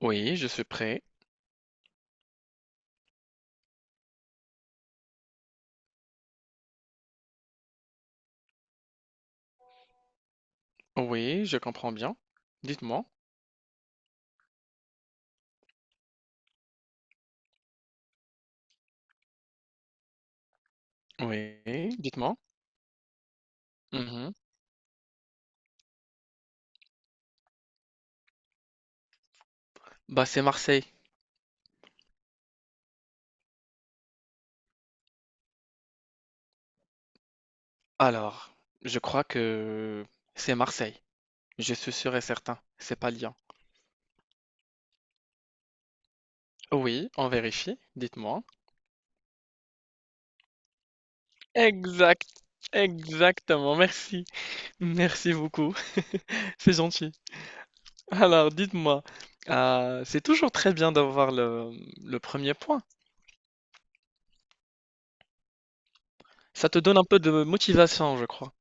Oui, je suis prêt. Oui, je comprends bien. Dites-moi. Oui, dites-moi. Mhm. Bah, c'est Marseille. Alors, je crois que c'est Marseille. Je suis sûr et certain. C'est pas Lyon. Oui, on vérifie. Dites-moi. Exact. Exactement. Merci. Merci beaucoup. C'est gentil. Alors, dites-moi. C'est toujours très bien d'avoir le premier point. Ça te donne un peu de motivation, je crois.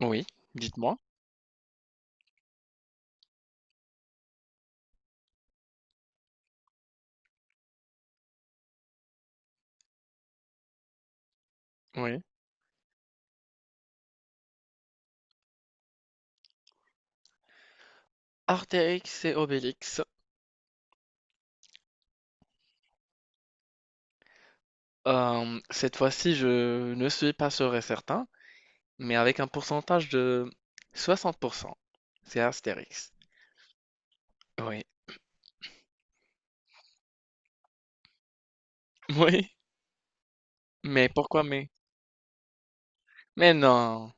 Oui, dites-moi. Oui. Astérix et Obélix. Cette fois-ci, je ne suis pas sûr et certain, mais avec un pourcentage de 60%. C'est Astérix. Oui. Oui. Mais pourquoi mais? Mais non.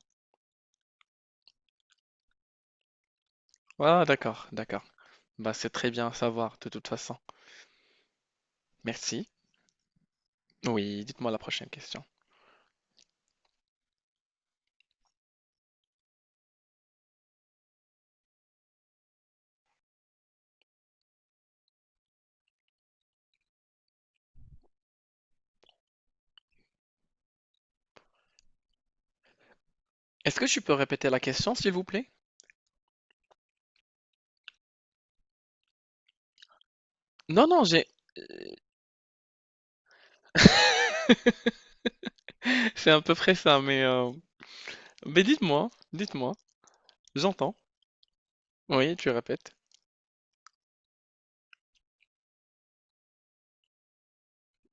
Ah, d'accord, d'accord. Bah, c'est très bien à savoir, de toute façon. Merci. Oui, dites-moi la prochaine question. Est-ce que tu peux répéter la question, s'il vous plaît? Non, non, j'ai... C'est à peu près ça, mais... mais dites-moi, dites-moi. J'entends. Oui, tu répètes.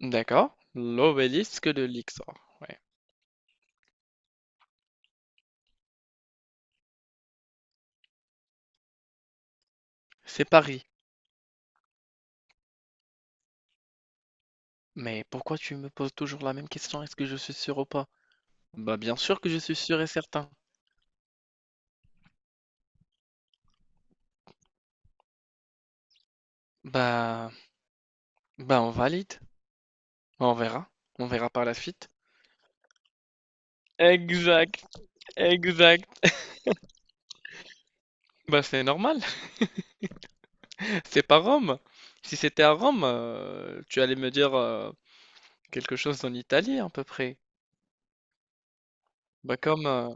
D'accord. L'obélisque de Luxor. C'est Paris. Mais pourquoi tu me poses toujours la même question? Est-ce que je suis sûr ou pas? Bah bien sûr que je suis sûr et certain. Bah, bah on valide. On verra. On verra par la suite. Exact, exact. Bah c'est normal. C'est pas Rome. Si c'était à Rome, tu allais me dire quelque chose en italien à peu près. Bah comme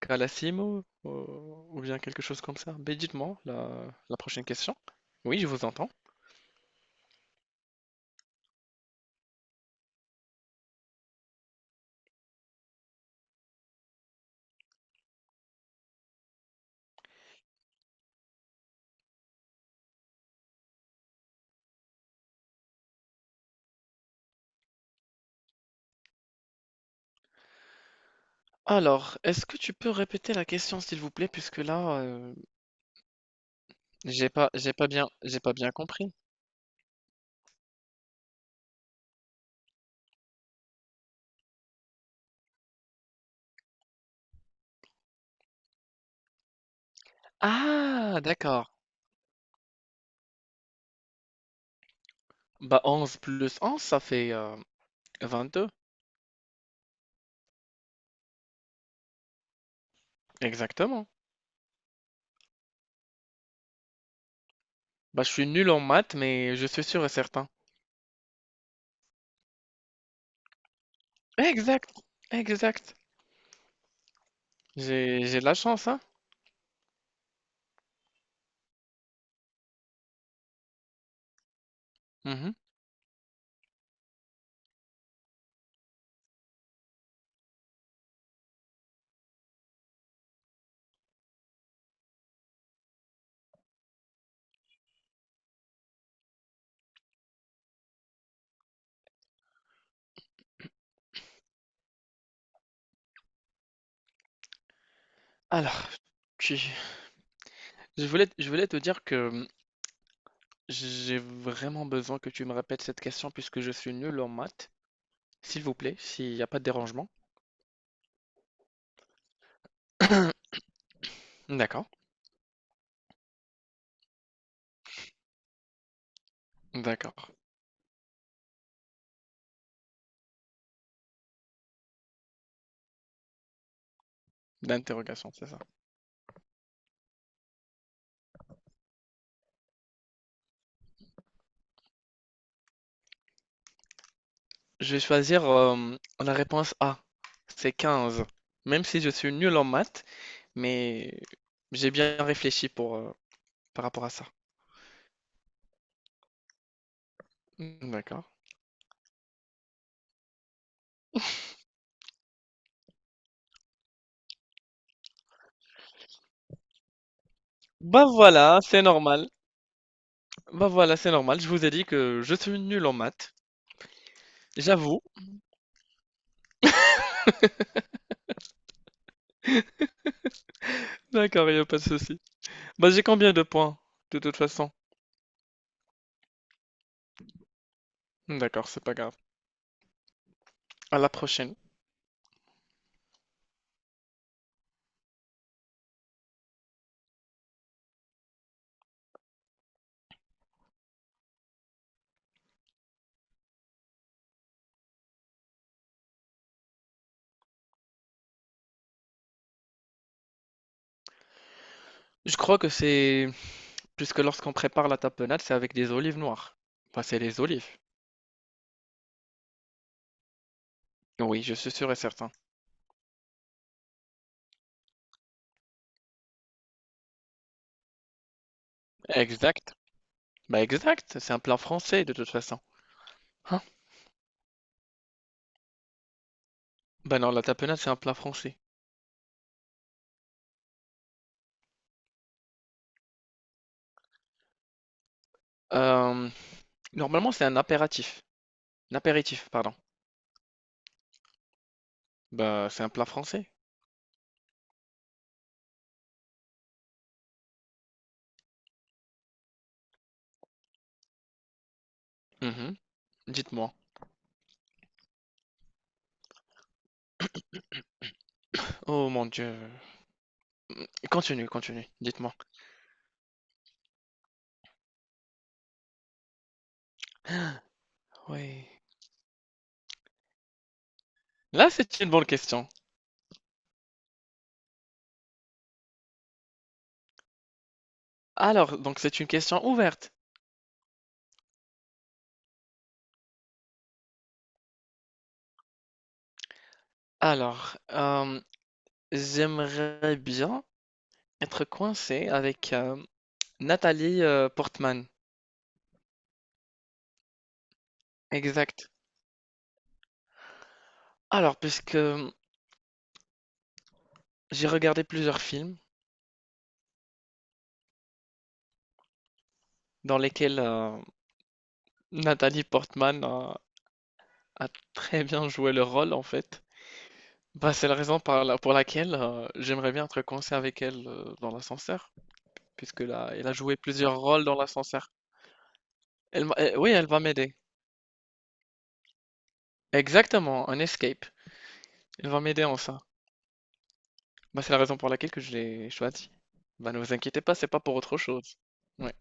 Calassimo ou bien quelque chose comme ça. Mais dites-moi la prochaine question. Oui, je vous entends. Alors, est-ce que tu peux répéter la question, s'il vous plaît, puisque là, j'ai pas bien compris. Ah, d'accord. Bah, 11 plus 11, ça fait 22. Exactement. Bah, je suis nul en maths, mais je suis sûr et certain. Exact, exact. J'ai de la chance, hein? Mhm. Alors, tu- je voulais te dire que j'ai vraiment besoin que tu me répètes cette question puisque je suis nul en maths. S'il vous plaît, s'il n'y a pas de dérangement. D'accord, d'accord. D'interrogation, c'est ça. Je vais choisir, la réponse A, c'est 15. Même si je suis nul en maths, mais j'ai bien réfléchi pour, par rapport à ça. Mmh, d'accord. Bah, voilà, c'est normal. Bah, voilà, c'est normal. Je vous ai dit que je suis nul en maths, j'avoue. D'accord, il y a pas de souci. Bah, j'ai combien de points, de toute façon? D'accord, c'est pas grave. À la prochaine. Je crois que c'est puisque lorsqu'on prépare la tapenade, c'est avec des olives noires. Enfin, c'est les olives. Oui, je suis sûr et certain. Exact. Bah exact, c'est un plat français de toute façon. Hein? Bah non, la tapenade, c'est un plat français. Euh, Normalement, c'est un apéritif. Un apéritif, pardon. Bah, c'est un plat français. Mhm. Dites-moi. Oh mon Dieu. Continue, continue. Dites-moi. Oui. Là, c'est une bonne question. Alors, donc c'est une question ouverte. Alors, j'aimerais bien être coincé avec Nathalie Portman. Exact. Alors, puisque j'ai regardé plusieurs films dans lesquels Nathalie Portman a très bien joué le rôle, en fait, bah, c'est la raison pour laquelle j'aimerais bien être coincé avec elle dans l'ascenseur, puisque là, elle a joué plusieurs rôles dans l'ascenseur. Eh, oui, elle va m'aider. Exactement, un escape. Elle va m'aider en ça. Bah, c'est la raison pour laquelle que je l'ai choisi. Bah, ne vous inquiétez pas, c'est pas pour autre chose. Ouais.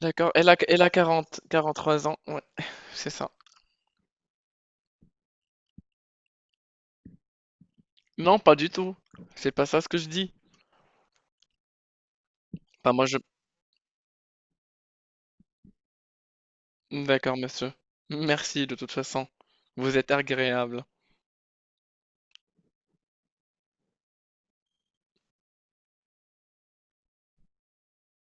D'accord. Elle a 43 ans. Ouais, c'est ça. Non, pas du tout. C'est pas ça ce que je dis. Bah, moi, je... D'accord, monsieur. Merci, de toute façon. Vous êtes agréable.